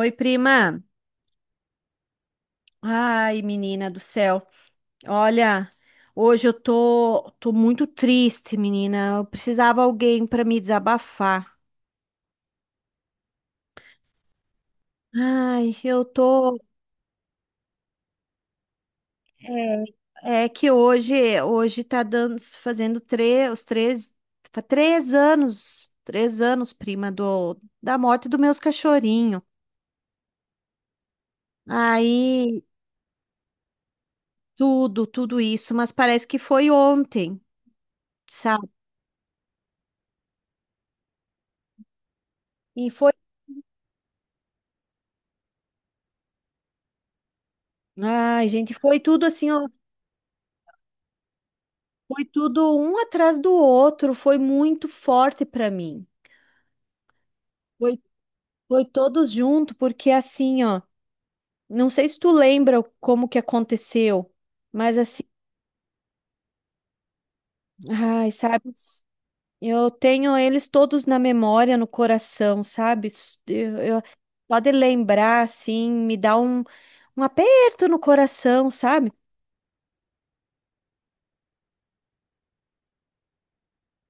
Oi, prima. Ai, menina do céu. Olha, hoje eu tô muito triste, menina. Eu precisava alguém para me desabafar. Ai, eu tô. É que hoje tá dando, fazendo três, os três, fa- três anos, prima, da morte dos meus cachorrinhos. Aí, tudo isso, mas parece que foi ontem, sabe? E foi. Ai, gente, foi tudo assim, ó. Foi tudo um atrás do outro, foi muito forte para mim. Foi, foi todos junto, porque assim, ó, não sei se tu lembra como que aconteceu, mas assim, sabe, eu tenho eles todos na memória, no coração, sabe? Eu, eu- só de lembrar, assim, me dá um aperto no coração, sabe?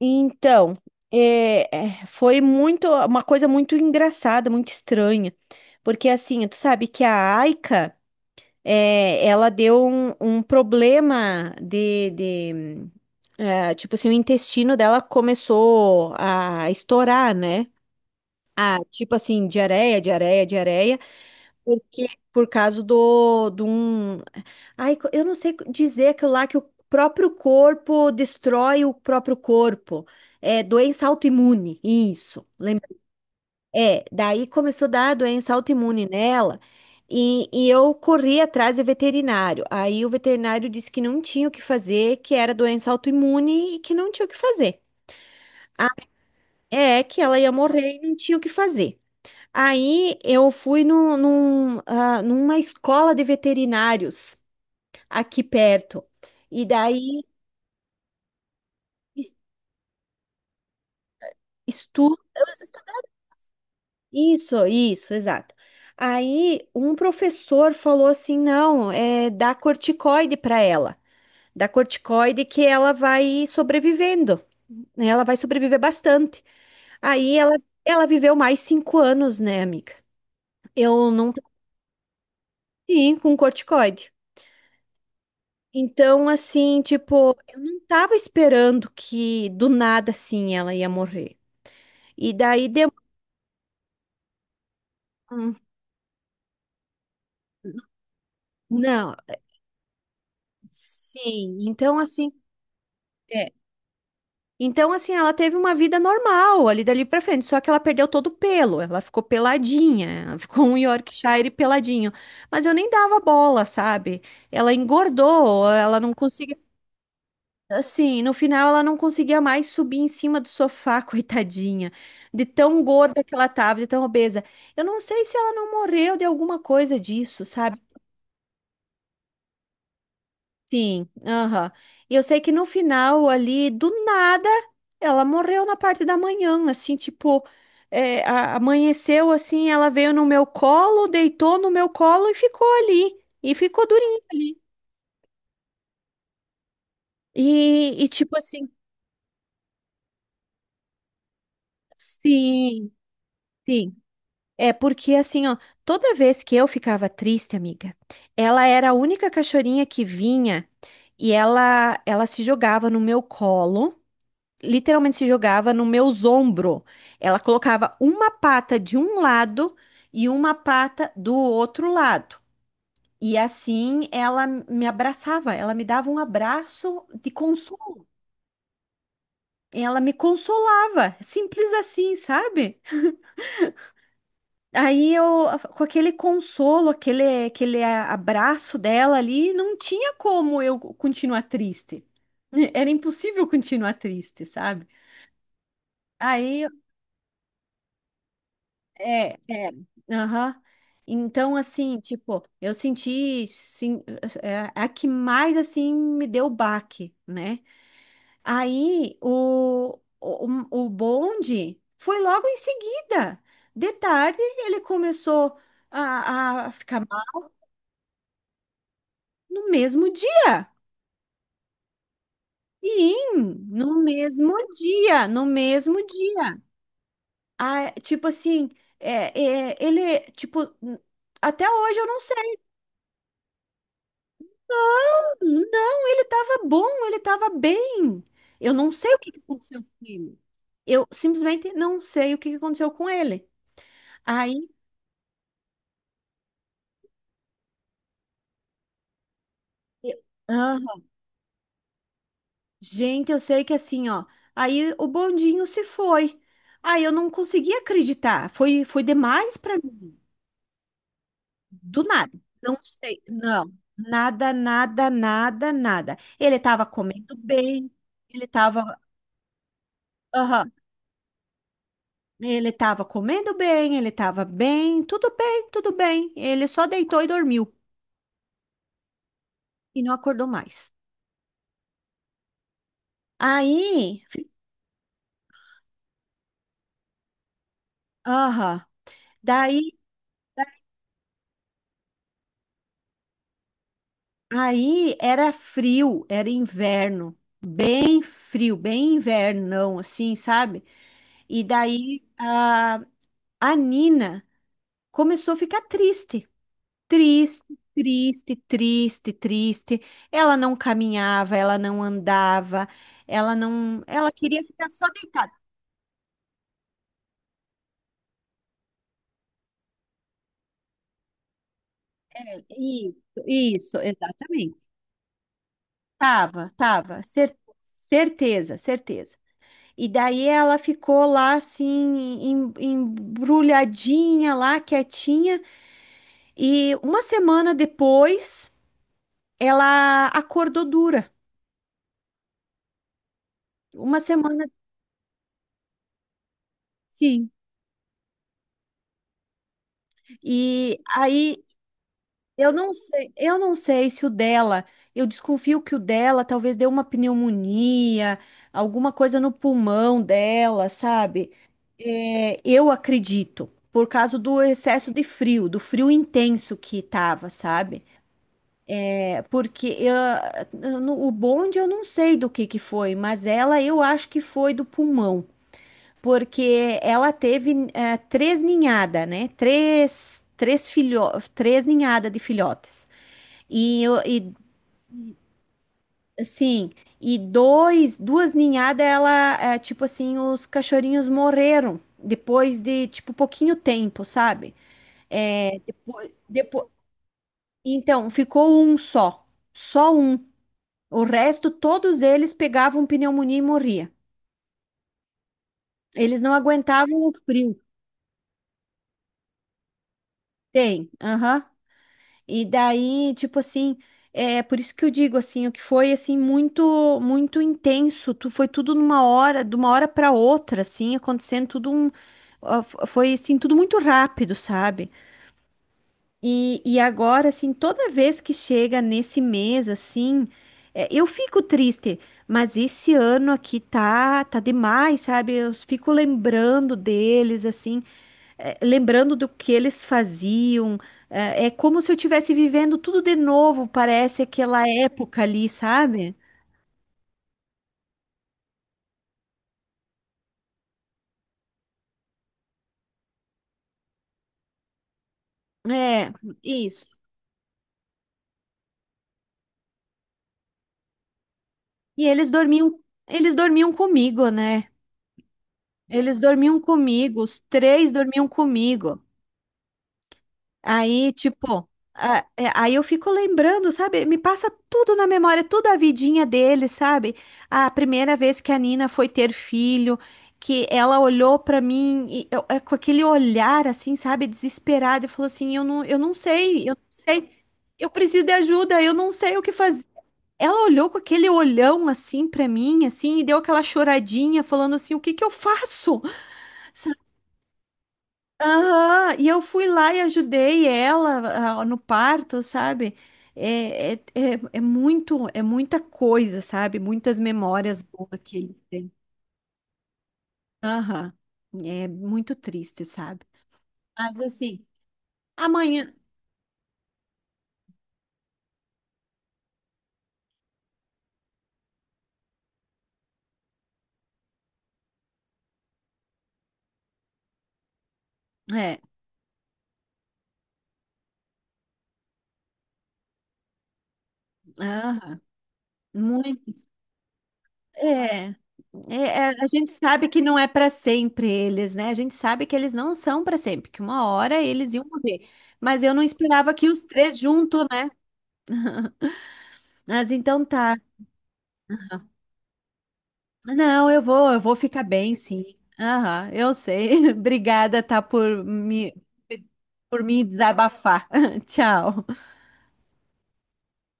Então, é, foi muito uma coisa muito engraçada, muito estranha, porque assim, tu sabe que a Aika, ela deu um problema de, é, tipo assim, o intestino dela começou a estourar, né? Ah, tipo assim, diarreia, diarreia, diarreia. Porque, por causa do, de um. Ai, eu não sei dizer aquilo lá que o próprio corpo destrói o próprio corpo. É doença autoimune, isso. Lembra? É, daí começou a dar doença autoimune nela. E eu corri atrás do veterinário. Aí o veterinário disse que não tinha o que fazer, que era doença autoimune e que não tinha o que fazer. É, que ela ia morrer e não tinha o que fazer. Aí eu fui no, num, ah, numa escola de veterinários aqui perto. E daí estudo, isso, exato. Aí um professor falou assim: não, é dá corticoide para ela. Dá corticoide que ela vai sobrevivendo, né? Ela vai sobreviver bastante. Aí ela viveu mais 5 anos, né, amiga? Eu não tô assim com corticoide. Então, assim, tipo, eu não tava esperando que do nada assim ela ia morrer. E daí deu. Hum. Não, sim. Então, assim, é. Então, assim, ela teve uma vida normal ali dali pra frente, só que ela perdeu todo o pelo, ela ficou peladinha, ela ficou um Yorkshire peladinho. Mas eu nem dava bola, sabe? Ela engordou, ela não conseguiu. Assim, no final ela não conseguia mais subir em cima do sofá, coitadinha, de tão gorda que ela tava, de tão obesa. Eu não sei se ela não morreu de alguma coisa disso, sabe? Sim, aham. E eu sei que no final ali, do nada, ela morreu na parte da manhã, assim, tipo, amanheceu assim, ela veio no meu colo, deitou no meu colo e ficou ali, e ficou durinha ali. E tipo assim, sim, sim. É porque assim, ó, toda vez que eu ficava triste, amiga, ela era a única cachorrinha que vinha e ela se jogava no meu colo, literalmente se jogava no meu ombro. Ela colocava uma pata de um lado e uma pata do outro lado. E assim ela me abraçava, ela me dava um abraço de consolo, ela me consolava, simples assim, sabe? Aí eu, com aquele consolo, aquele abraço dela ali, não tinha como eu continuar triste. Era impossível continuar triste, sabe? Aí, é, é, aham. Então, assim, tipo, eu senti, sim, é a que mais, assim, me deu baque, né? Aí, o bonde foi logo em seguida. De tarde, ele começou a ficar. No mesmo dia. Sim, no mesmo dia, no mesmo dia. Ah, tipo assim, ele, tipo, até hoje eu não sei. Não, não, ele tava bom, ele tava bem. Eu não sei o que que aconteceu com ele. Eu simplesmente não sei o que que aconteceu com ele. Aí, eu- Aham. Gente, eu sei que assim, ó, aí o bondinho se foi. Aí eu não consegui acreditar, foi demais pra mim. Do nada. Não sei. Não. Nada, nada, nada, nada. Ele estava comendo bem. Ele estava. Aham. Ele estava comendo bem. Ele estava bem. Tudo bem, tudo bem. Ele só deitou e dormiu. E não acordou mais. Aí. Aham. Daí. da- Aí era frio. Era inverno. Bem frio. Bem invernão, assim, sabe? E daí a Nina começou a ficar triste. Triste, triste, triste, triste. Ela não caminhava, ela não andava, ela não, ela queria ficar só deitada. Isso, isso, exatamente. Tava, tava, certeza, certeza. E daí ela ficou lá assim, embrulhadinha lá, quietinha, e uma semana depois ela acordou dura. Uma semana, sim. E aí eu não sei, se o dela, eu desconfio que o dela talvez deu uma pneumonia, alguma coisa no pulmão dela, sabe? É, eu acredito, por causa do excesso de frio, do frio intenso que tava, sabe? É, porque ah, o bonde eu não sei do que foi, mas ela eu acho que foi do pulmão, porque ela teve eh, três ninhadas, né? Três ninhadas de filhotes. E assim, duas ninhadas, ela, é, tipo assim, os cachorrinhos morreram depois de, tipo, pouquinho tempo, sabe? É, então, ficou um só, só um. O resto, todos eles pegavam pneumonia e morria. Eles não aguentavam o frio. Tem, aham. E daí, tipo assim, é por isso que eu digo assim, o que foi assim muito muito intenso, tu foi tudo numa hora, de uma hora para outra, assim, acontecendo tudo foi assim tudo muito rápido, sabe? E agora assim, toda vez que chega nesse mês assim, é, eu fico triste, mas esse ano aqui tá demais, sabe? Eu fico lembrando deles assim, é, lembrando do que eles faziam. É como se eu estivesse vivendo tudo de novo, parece aquela época ali, sabe? É, isso. E eles dormiam comigo, né? Eles dormiam comigo, os três dormiam comigo. Aí, tipo, aí eu fico lembrando, sabe? Me passa tudo na memória, tudo a vidinha dele, sabe? A primeira vez que a Nina foi ter filho, que ela olhou pra mim com aquele olhar assim, sabe, desesperada, e falou assim: eu não sei, eu não sei. Eu preciso de ajuda, eu não sei o que fazer". Ela olhou com aquele olhão assim pra mim, assim, e deu aquela choradinha, falando assim: "O que que eu faço?" Aham, e eu fui lá e ajudei ela, ah, no parto, sabe? É muita coisa, sabe? Muitas memórias boas que ele tem. Aham, é muito triste, sabe? Mas assim, amanhã, é, aham, muitos, é, a gente sabe que não é para sempre eles, né? A gente sabe que eles não são para sempre, que uma hora eles iam morrer. Mas eu não esperava que os três juntos, né? Mas então tá. Não, eu vou ficar bem, sim. Aham, eu sei. Obrigada, tá, por me desabafar. Tchau.